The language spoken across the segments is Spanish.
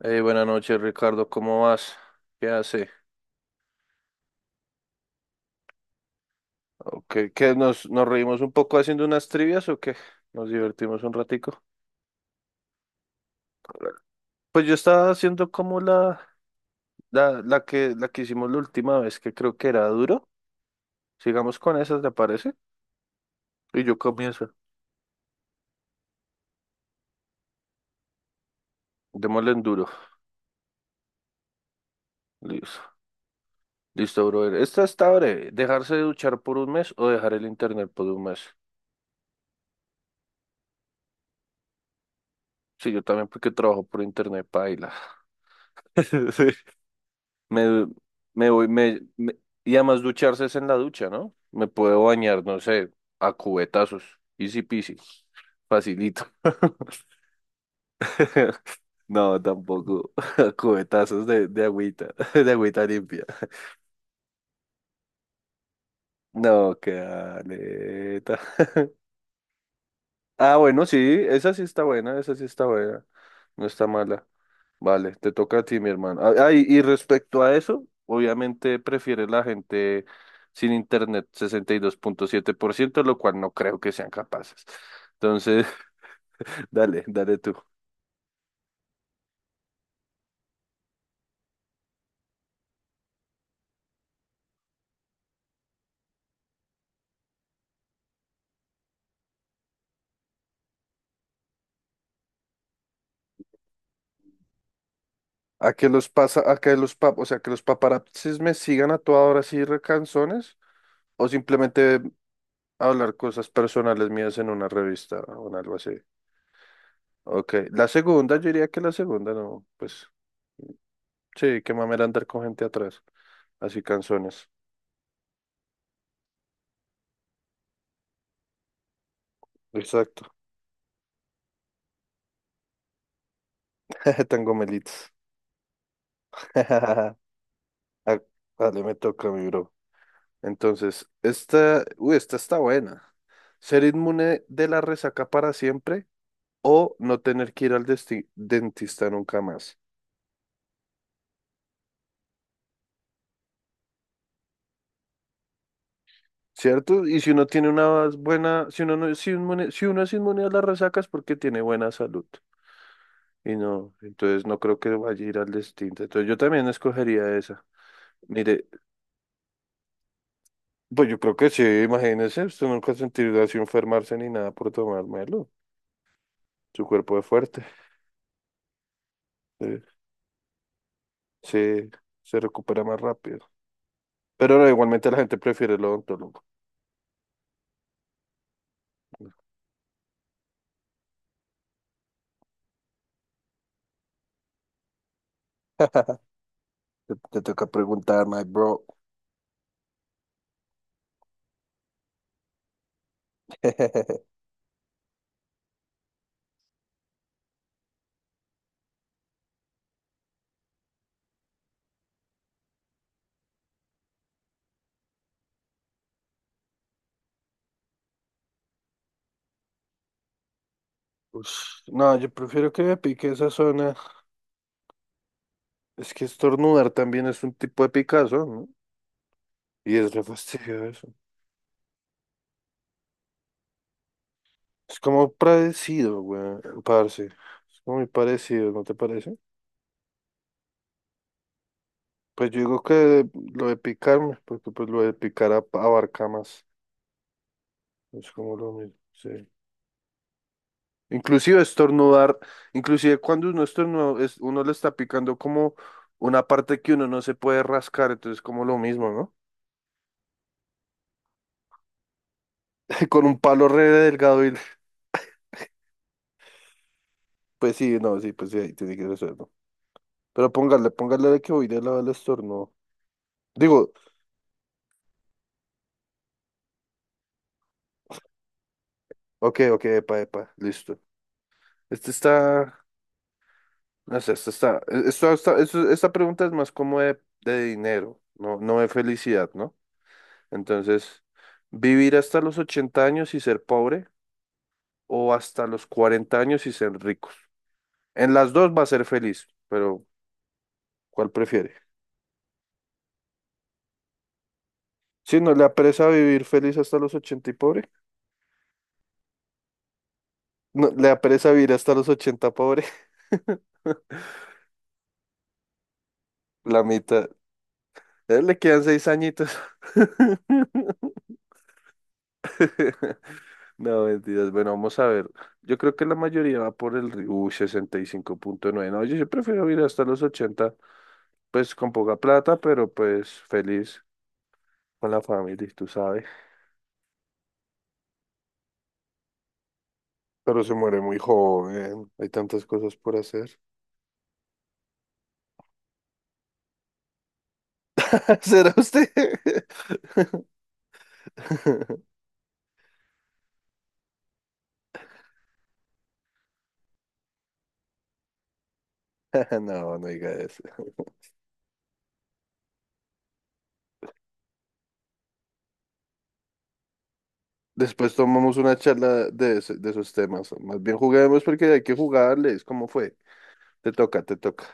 Buenas noches, Ricardo, ¿cómo vas? ¿Qué hace? ¿Qué, nos reímos un poco haciendo unas trivias o qué? ¿Nos divertimos un ratico? Pues yo estaba haciendo como la que hicimos la última vez, que creo que era duro. Sigamos con esas, ¿te parece? Y yo comienzo. Démosle en duro. Listo. Listo, brother. Esta está breve. ¿Dejarse de duchar por un mes o dejar el internet por un mes? Sí, yo también porque trabajo por internet, paila. Me, me voy, y además ducharse es en la ducha, ¿no? Me puedo bañar, no sé, a cubetazos. Easy peasy. Facilito. No, tampoco. Cubetazos de agüita, de agüita limpia. No, qué aleta. Ah, bueno, sí, esa sí está buena, esa sí está buena. No está mala. Vale, te toca a ti, mi hermano. Ah, ah, y respecto a eso, obviamente prefiere la gente sin internet, 62,7%, lo cual no creo que sean capaces. Entonces, dale, dale tú. A que los pasa, a que los pap, O sea, que los paparazzis me sigan a toda hora así recanzones, o simplemente hablar cosas personales mías en una revista o en algo así. Ok, la segunda, yo diría que la segunda no, pues sí, qué mamera andar con gente atrás. Así canciones. Exacto. Tan gomelitos. Ah, vale, me toca, mi bro. Entonces, esta está buena. ¿Ser inmune de la resaca para siempre o no tener que ir al dentista nunca más? ¿Cierto? Y si uno tiene una buena, si uno no es inmune, si uno es inmune a las resacas es porque tiene buena salud. Y no, entonces no creo que vaya a ir al dentista. Entonces yo también escogería esa. Mire, pues yo creo que sí, imagínese, usted nunca sentirá así enfermarse ni nada por tomármelo. Su cuerpo es fuerte, eh, se, se recupera más rápido. Pero no, igualmente la gente prefiere el odontólogo. Te toca preguntar, my bro. Ush, no, yo prefiero que me pique esa zona. Es que estornudar también es un tipo de picazón, ¿no? Y es re fastidioso. Es como parecido, güey, parce. Es como muy parecido, ¿no te parece? Pues yo digo que lo de picarme, porque pues lo de picar abarca más. Es como lo mismo, sí. Inclusive estornudar, inclusive cuando uno estornuda, uno le está picando como una parte que uno no se puede rascar, entonces como lo mismo, ¿no? Con un palo re delgado y. Pues sí, no, sí, pues sí, ahí tiene que resolverlo. Pero póngale, póngale de que voy de lado al estornudo. Digo, ok, ok, epa, epa, listo. Este está. No sé, esta pregunta es más como de dinero, no, no de felicidad, ¿no? Entonces, ¿vivir hasta los 80 años y ser pobre o hasta los 40 años y ser ricos? En las dos va a ser feliz, pero ¿cuál prefiere? Si no le apresa vivir feliz hasta los 80 y pobre, no, le apresa vivir hasta los 80 pobre, la mitad. A él le quedan 6 añitos. No, mentiras. Bueno, vamos a ver. Yo creo que la mayoría va por el 65,9. No, yo prefiero ir hasta los 80. Pues con poca plata, pero pues feliz con la familia, tú sabes. Pero se muere muy joven. Hay tantas cosas por hacer. ¿Será usted? No, no diga eso. Después tomamos una charla de esos temas. Más bien juguemos porque hay que jugarles. ¿Cómo fue? Te toca, te toca.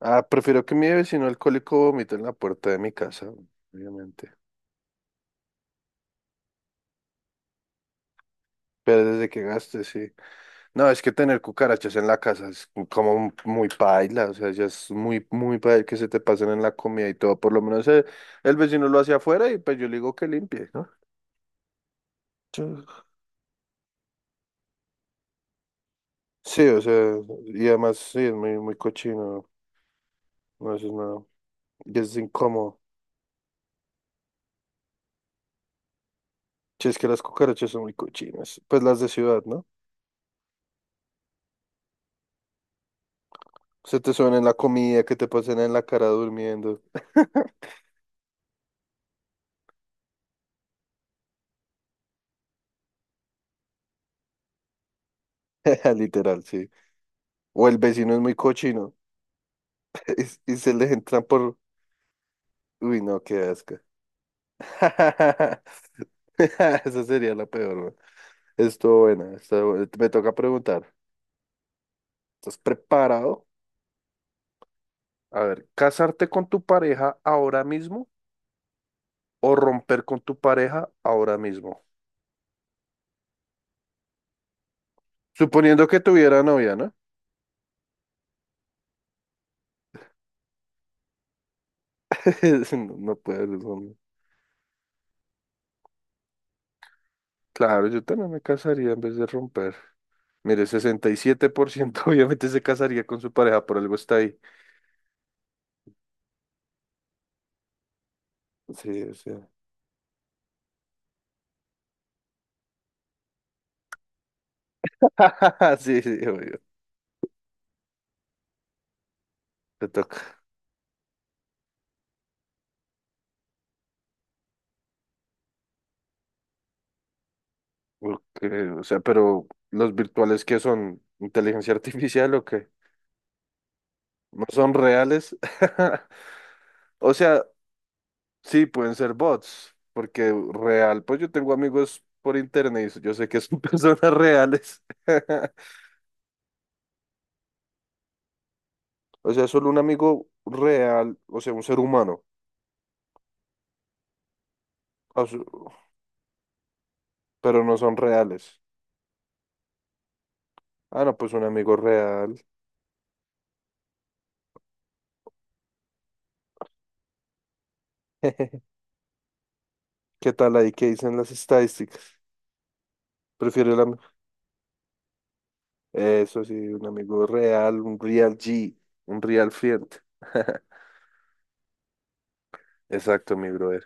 Ah, prefiero que mi vecino alcohólico vomite en la puerta de mi casa, obviamente. Pero desde que gaste, sí. No, es que tener cucarachas en la casa es como muy paila, o sea, ya es muy, muy paila que se te pasen en la comida y todo. Por lo menos vecino lo hace afuera y pues yo le digo que limpie, ¿no? Yo- Sí, o sea, y además sí, es muy, muy cochino, no eso es nada. Y es incómodo. Sí, es que las cucarachas son muy cochinas, pues las de ciudad, ¿no? Se te suben en la comida, que te pasen en la cara durmiendo. Literal, sí. O el vecino es muy cochino y se les entran por. Uy, no, qué asco. Esa sería la peor, ¿no? Estuvo buena, estuvo buena. Me toca preguntar, ¿estás preparado? A ver, ¿casarte con tu pareja ahora mismo o romper con tu pareja ahora mismo? Suponiendo que tuviera novia, ¿no? No, no puedes, hombre. Claro, yo también me casaría en vez de romper. Mire, 67% obviamente se casaría con su pareja, por algo está ahí. Sí, sí. Sí, sí, obvio, te toca. Okay, o sea, pero ¿los virtuales que son inteligencia artificial o qué? ¿No son reales? O sea, sí, pueden ser bots, porque real, pues yo tengo amigos por internet y yo sé que son personas reales. O sea, solo un amigo real, o sea, un ser humano, o su- pero no son reales. Ah, no, pues un amigo real. ¿Qué tal ahí? ¿Qué dicen las estadísticas? Prefiero la. Eso sí, un amigo real, un real G, un real friend. Exacto, mi brother.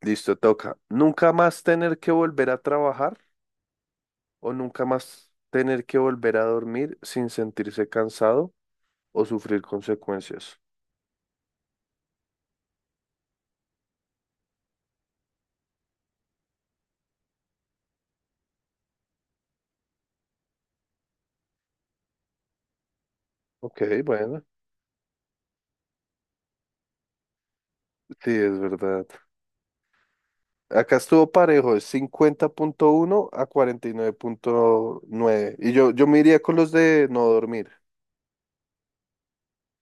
Listo, toca. Nunca más tener que volver a trabajar o nunca más tener que volver a dormir sin sentirse cansado o sufrir consecuencias. Ok, bueno, sí, es verdad. Acá estuvo parejo, es 50,1 a 49,9. Y yo me iría con los de no dormir.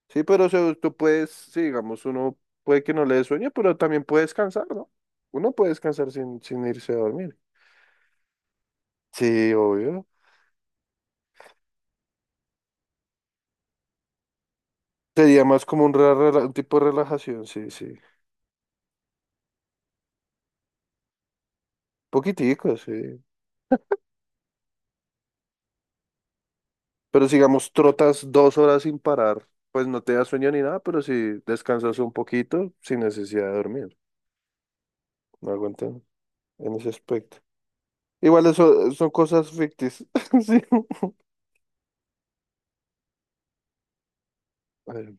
Sí, pero o sea, tú puedes, sí, digamos, uno puede que no le dé sueño, pero también puede descansar, ¿no? Uno puede descansar sin irse a dormir. Sí, obvio. Sería más como un tipo de relajación, sí, sí. Poquitico, sí. Pero si, digamos, trotas 2 horas sin parar, pues no te da sueño ni nada, pero si descansas un poquito sin necesidad de dormir. No aguantan en ese aspecto. Igual eso son cosas ficticias. Sí. A ver,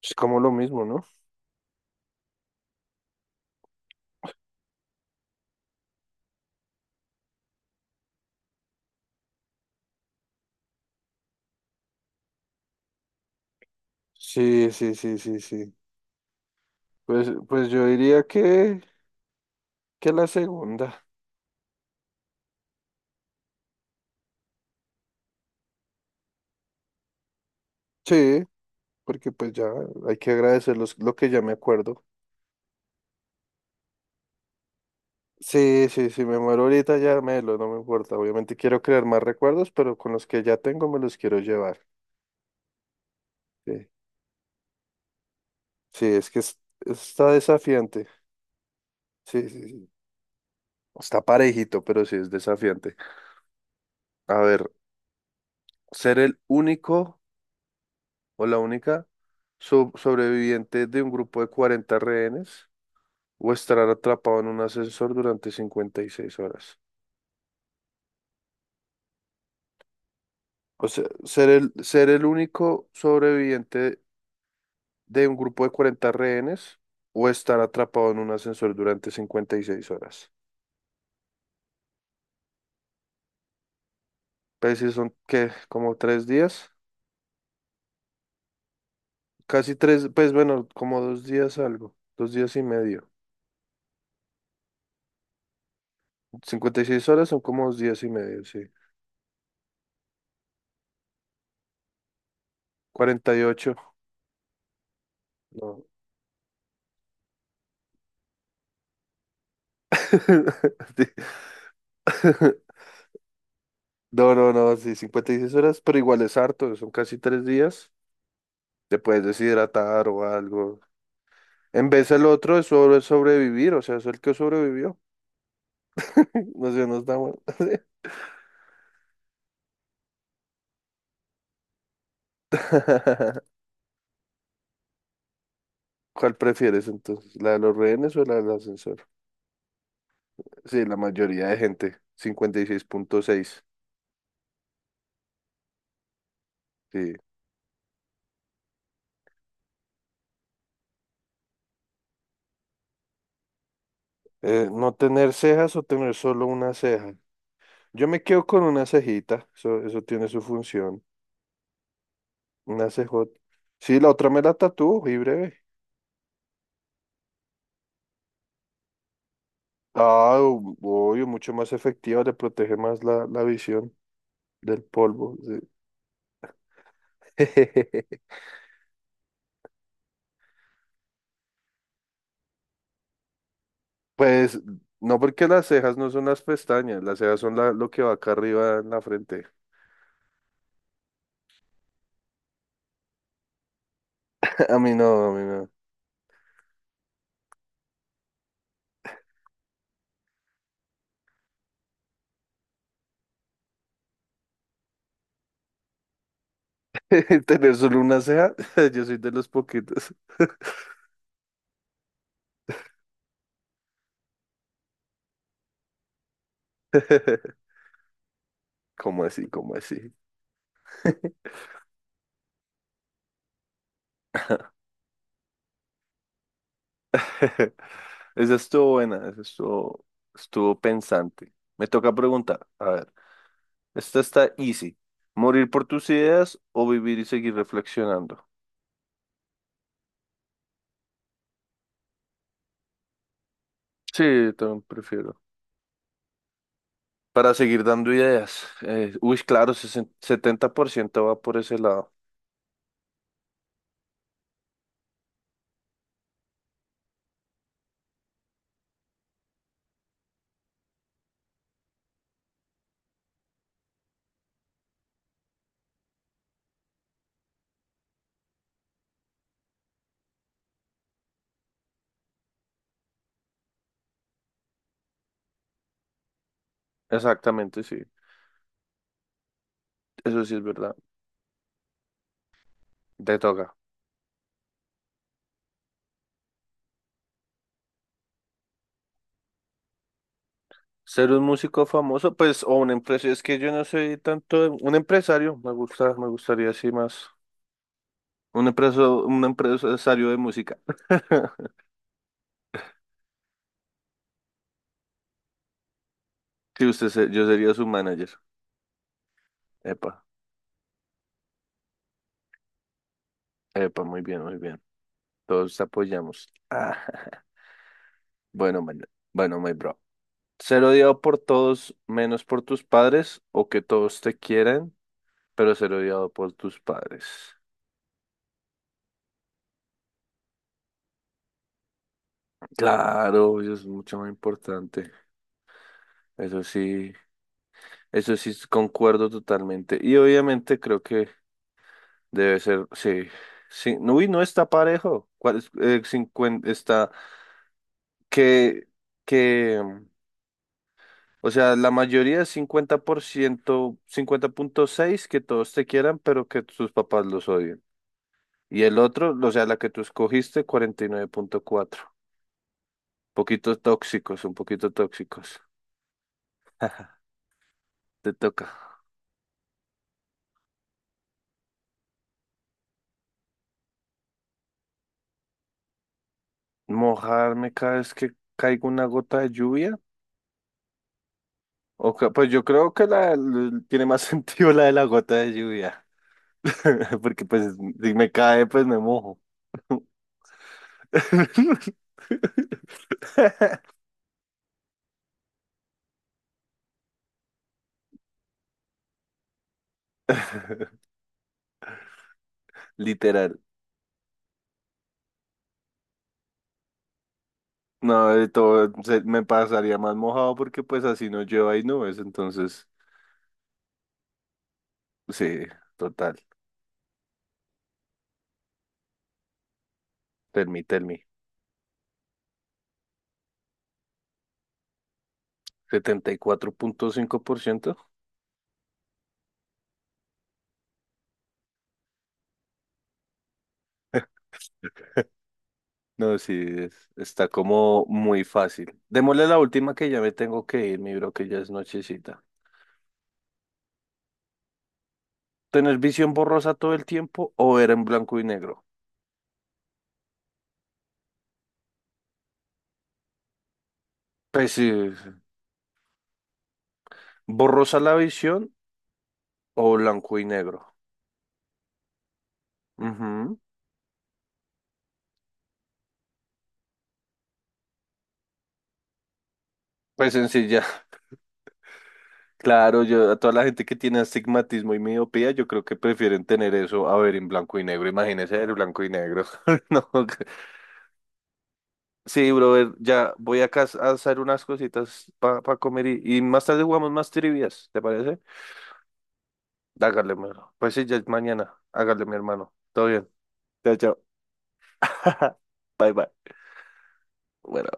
es como lo mismo, ¿no? Sí, sí, sí, sí, sí. Pues yo diría que, la segunda. Sí, porque pues ya hay que agradecer lo que ya me acuerdo. Sí, sí, sí, me muero ahorita ya me lo, no me importa. Obviamente quiero crear más recuerdos, pero con los que ya tengo me los quiero llevar. Sí, sí, es que está desafiante. Sí, sí, sí. Está parejito, pero sí es desafiante. A ver, ser el único o la única sobreviviente de un grupo de 40 rehenes o estar atrapado en un ascensor durante 56 horas. O sea, ser el único sobreviviente de un grupo de 40 rehenes o estar atrapado en un ascensor durante 56 horas. Pues si son, ¿qué? Como 3 días, casi tres, pues bueno, como 2 días algo, 2 días y medio. 56 horas son como 2 días y medio, sí. 48, no. Sí. No, no, no, sí, 56 horas, pero igual es harto, son casi 3 días. Te puedes deshidratar o algo. En vez el otro es sobre sobrevivir, o sea, es el que sobrevivió. No sé, no está mal. ¿Cuál prefieres entonces? ¿La de los rehenes o la del ascensor? Sí, la mayoría de gente, 56,6. Sí. ¿No tener cejas o tener solo una ceja? Yo me quedo con una cejita, eso tiene su función. Una cejota. Sí, la otra me la tatúo y breve. Ah, obvio, mucho más efectiva, le protege más la visión del polvo, sí. Pues no porque las cejas no son las pestañas, las cejas son lo que va acá arriba en la frente. A mí no, a mí no. Tener solo una ceja, yo soy de los poquitos. ¿Cómo así? ¿Cómo así? Esa estuvo buena, esa estuvo pensante. Me toca preguntar, a ver, esta está easy. ¿Morir por tus ideas o vivir y seguir reflexionando? Sí, también prefiero. Para seguir dando ideas. Claro, setenta por ciento va por ese lado. Exactamente, sí. Eso sí es verdad. Te toca. Ser un músico famoso, pues, o un empresario. Es que yo no soy tanto un empresario. Me gustaría así más. Un empresario de música. Sí, yo sería su manager. Epa, epa, muy bien, muy bien. Todos apoyamos. Ah, bueno, man, bueno, my bro. Ser odiado por todos menos por tus padres o que todos te quieran pero ser odiado por tus padres. Claro, eso es mucho más importante. Eso sí, eso sí concuerdo totalmente. Y obviamente creo que debe ser, sí, sí. No, uy, no está parejo. ¿Cuál es? 50 está que, que, o sea, la mayoría es 50%, 50,6 que todos te quieran, pero que tus papás los odien. Y el otro, o sea, la que tú escogiste, 49,4. Poquito tóxicos, un poquito tóxicos. Te toca mojarme cada vez que caiga una gota de lluvia. Pues yo creo que tiene más sentido la de la gota de lluvia. Porque pues si me cae, pues me mojo. Literal. No, de todo me pasaría más mojado porque pues así no llueva y nubes. Entonces, sí, total. Tell me, tell me. 74,5%. No, sí, está como muy fácil. Démosle la última que ya me tengo que ir, mi bro, que ya es nochecita. ¿Tener visión borrosa todo el tiempo o ver en blanco y negro? Pues sí, sí. Borrosa la visión o blanco y negro. Ujú. Pues sencilla. Claro, yo a toda la gente que tiene astigmatismo y miopía, yo creo que prefieren tener eso a ver en blanco y negro. Imagínese ver blanco y negro. No. Sí, brother, ya voy acá a hacer unas cositas para comer y más tarde jugamos más trivias, ¿te parece? Hágale, mi hermano. Pues sí, ya es mañana. Hágale, mi hermano. Todo bien. Chao, chao. Bye, bye. Bueno.